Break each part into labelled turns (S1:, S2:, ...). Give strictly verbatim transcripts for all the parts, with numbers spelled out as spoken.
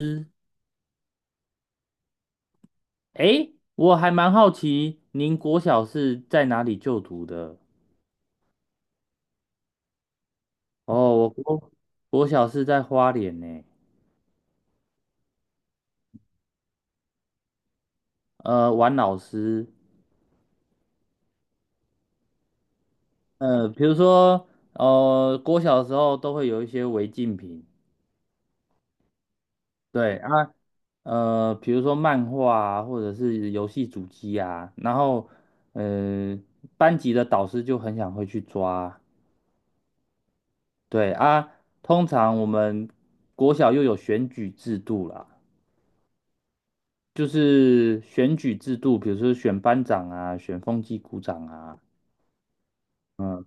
S1: 师哎，我还蛮好奇，您国小是在哪里就读的？哦，我国国小是在花莲呢。呃，玩老师，呃，比如说，呃，国小的时候都会有一些违禁品，对啊，呃，比如说漫画啊，或者是游戏主机啊，然后，呃，班级的导师就很想会去抓，对啊，通常我们国小又有选举制度啦。就是选举制度，比如说选班长啊，选风纪股长啊，嗯，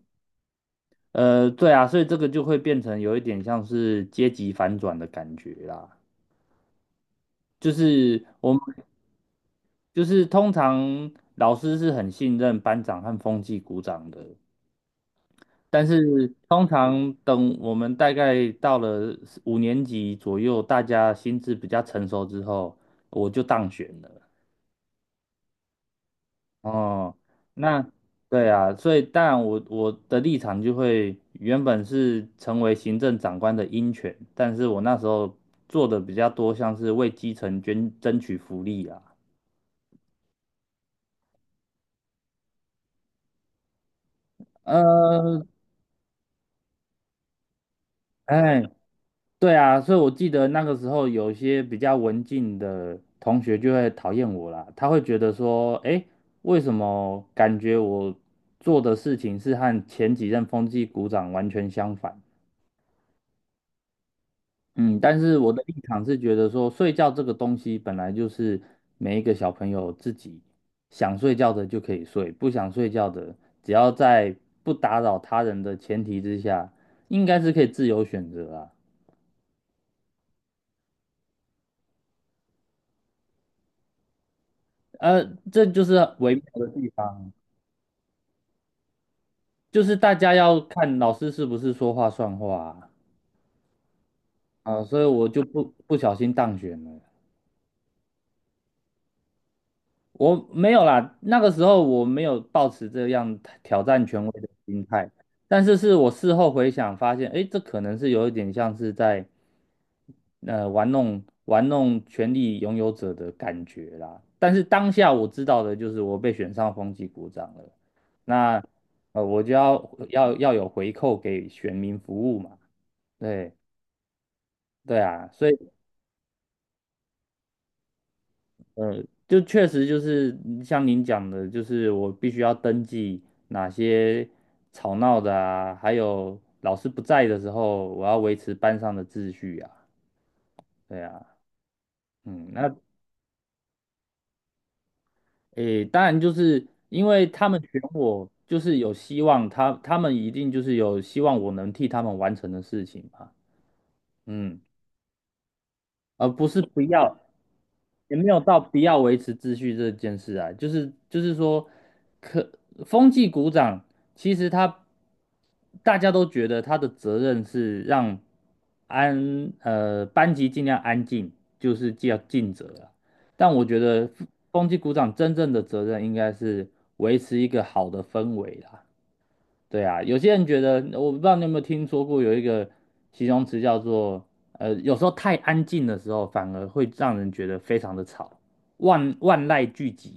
S1: 呃，对啊，所以这个就会变成有一点像是阶级反转的感觉啦。就是我们就是通常老师是很信任班长和风纪股长的，但是通常等我们大概到了五年级左右，大家心智比较成熟之后，我就当选了。哦，那对啊，所以当然我我的立场就会原本是成为行政长官的鹰犬，但是我那时候做的比较多，像是为基层捐争取福利啊。呃，哎，对啊，所以我记得那个时候有些比较文静的同学就会讨厌我啦，他会觉得说，哎，为什么感觉我做的事情是和前几任风纪股长完全相反？嗯，但是我的立场是觉得说，睡觉这个东西本来就是每一个小朋友自己想睡觉的就可以睡，不想睡觉的，只要在不打扰他人的前提之下，应该是可以自由选择啊。呃，这就是微妙的地方，就是大家要看老师是不是说话算话啊，啊，所以我就不不小心当选了。我没有啦，那个时候我没有抱持这样挑战权威的心态，但是是我事后回想发现，诶，这可能是有一点像是在呃玩弄玩弄权力拥有者的感觉啦。但是当下我知道的就是我被选上风纪股长了，那呃我就要要要有回扣给选民服务嘛，对对啊，所以。呃，就确实就是像您讲的，就是我必须要登记哪些吵闹的啊，还有老师不在的时候，我要维持班上的秩序啊。对啊，嗯，那诶，当然就是因为他们选我，就是有希望他，他们一定就是有希望我能替他们完成的事情嘛。嗯。而不是不要，也没有到不要维持秩序这件事啊，就是就是说，可风纪股长其实他大家都觉得他的责任是让安呃班级尽量安静，就是要尽责啊。但我觉得风纪股长真正的责任应该是维持一个好的氛围啦。对啊，有些人觉得，我不知道你有没有听说过有一个形容词叫做，呃，有时候太安静的时候，反而会让人觉得非常的吵，万万籁俱寂。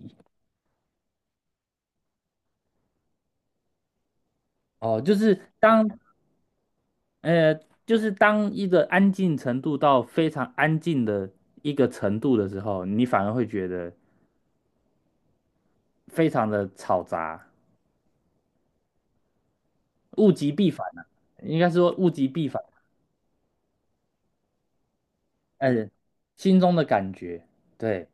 S1: 哦，就是当呃，就是当一个安静程度到非常安静的一个程度的时候，你反而会觉得非常的吵杂，物极必反啊，应该说物极必反，呃，心中的感觉，对。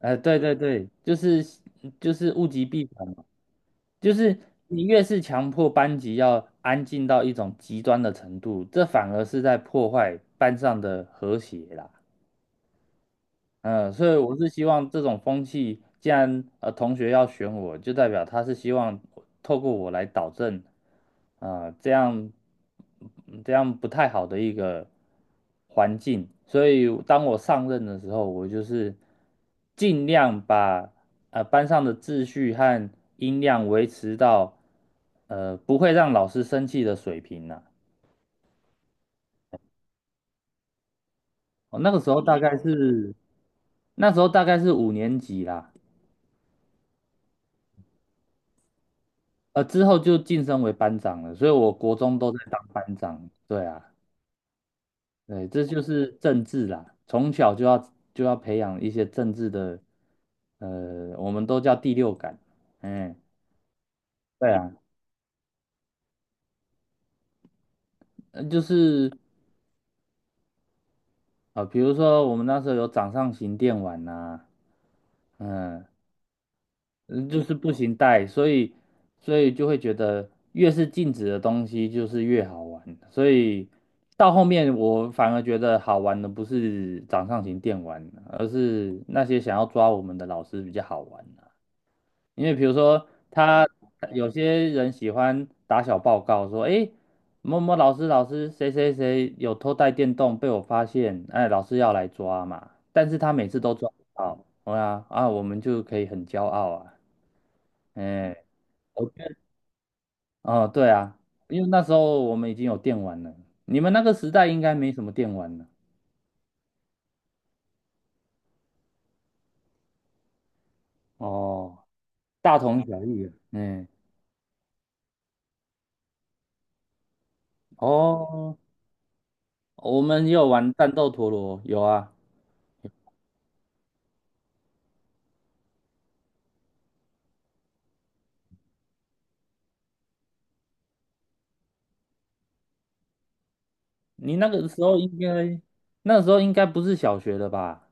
S1: 哎、对对对，就是就是物极必反嘛，就是你越是强迫班级要安静到一种极端的程度，这反而是在破坏班上的和谐啦。嗯，所以我是希望这种风气，既然呃同学要选我，就代表他是希望透过我来导正，啊、这样嗯这样不太好的一个环境。所以当我上任的时候，我就是尽量把呃班上的秩序和音量维持到呃不会让老师生气的水平呐、哦，那个时候大概是那时候大概是五年级啦。呃，之后就晋升为班长了，所以我国中都在当班长。对啊，对，这就是政治啦，从小就要就要培养一些政治的，呃，我们都叫第六感。嗯，对啊，呃就是呃，比如说我们那时候有掌上型电玩呐、嗯，嗯，就是不行带，所以所以就会觉得越是禁止的东西就是越好玩，所以到后面我反而觉得好玩的不是掌上型电玩，而是那些想要抓我们的老师比较好玩啊因为比如说他有些人喜欢打小报告说，诶，某某老师老师谁谁谁有偷带电动被我发现，哎，老师要来抓嘛，但是他每次都抓不到，对啊啊，我们就可以很骄傲啊。哎、OK，哦，对啊，因为那时候我们已经有电玩了，你们那个时代应该没什么电玩了。哦，大同小异啊。嗯，哦，我们也有玩战斗陀螺，有啊。你那个时候应该，那时候应该不是小学的吧？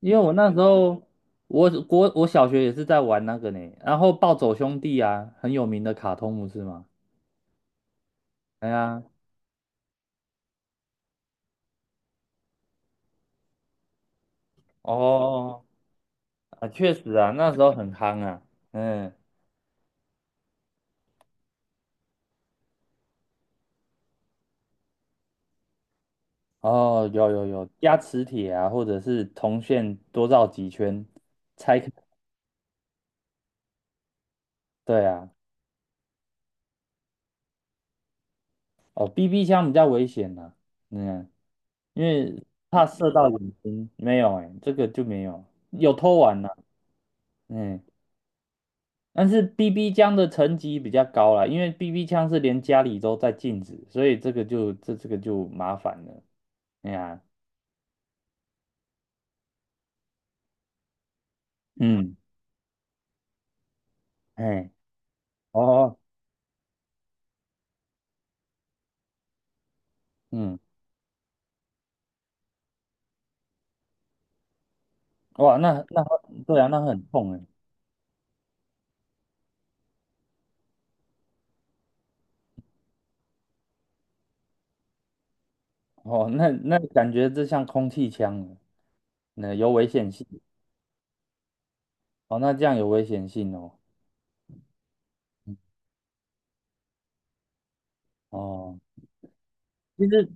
S1: 因为我那时候，我国我小学也是在玩那个呢，然后暴走兄弟啊，很有名的卡通不是吗？哎呀，哦，啊，确实啊，那时候很夯啊，嗯，哦，有有有，加磁铁啊，或者是铜线多绕几圈拆开。对啊，哦，B B 枪比较危险呐、嗯，因为怕射到眼睛。没有哎、这个就没有，有偷玩啦、嗯，但是 B B 枪的层级比较高啦，因为 B B 枪是连家里都在禁止，所以这个就这这个就麻烦了。哎呀、嗯，哎，哦，嗯，哇，那那对啊，那很痛哎、哦，那那感觉这像空气枪了，那有危险性。哦，那这样有危险性哦。哦，其实，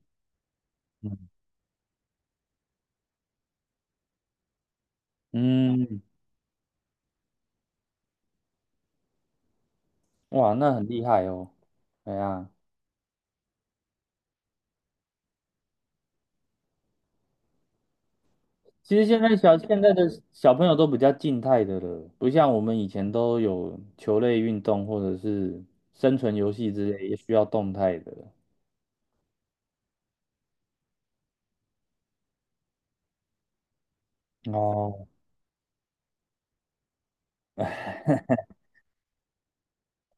S1: 嗯，嗯哇，那很厉害哦。对啊，其实现在小现在的小朋友都比较静态的了，不像我们以前都有球类运动或者是生存游戏之类，也需要动态的。哦。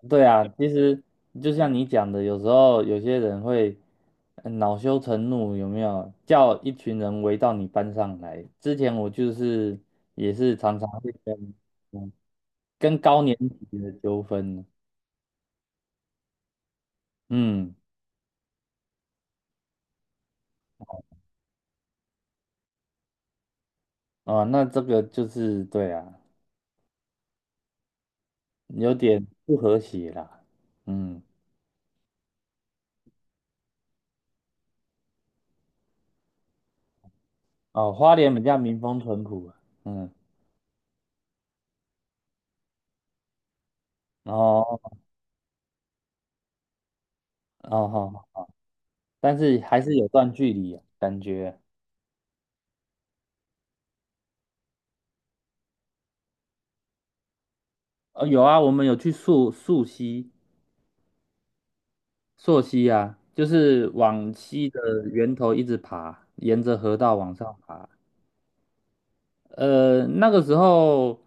S1: 对啊，其实就像你讲的，有时候有些人会呃恼羞成怒，有没有？叫一群人围到你班上来。之前我就是也是常常会跟同学的纠纷，嗯，哦，那这个就是对啊，有点不和谐啦，嗯，哦，花莲比较民风淳朴啊嗯，然后哦好，但是还是有段距离啊感觉，哦，有啊，我们有去溯溯溪。溯溪啊，就是往溪的源头一直爬，沿着河道往上爬。呃，那个时候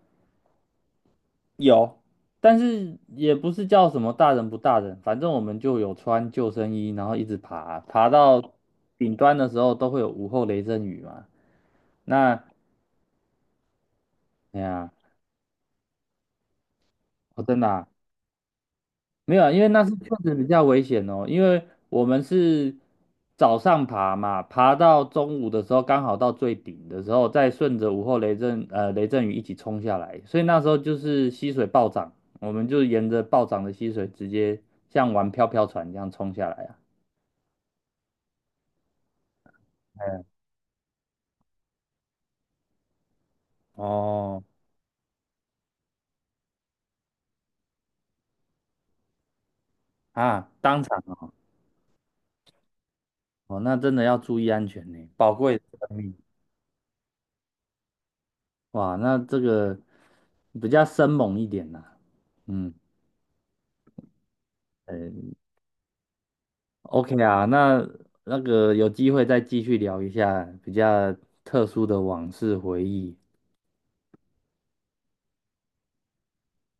S1: 有，但是也不是叫什么大人不大人，反正我们就有穿救生衣，然后一直爬，爬到顶端的时候都会有午后雷阵雨嘛。那哎呀，我真的啊没有啊，因为那是确实比较危险哦，因为我们是早上爬嘛，爬到中午的时候，刚好到最顶的时候，再顺着午后雷阵呃雷阵雨一起冲下来，所以那时候就是溪水暴涨，我们就沿着暴涨的溪水直接像玩漂漂船一样冲下来啊。哎，哦啊，当场哦，哦，那真的要注意安全呢，宝贵的生命。哇，那这个比较生猛一点呐、嗯，呃，OK 啊，那那个有机会再继续聊一下比较特殊的往事回忆。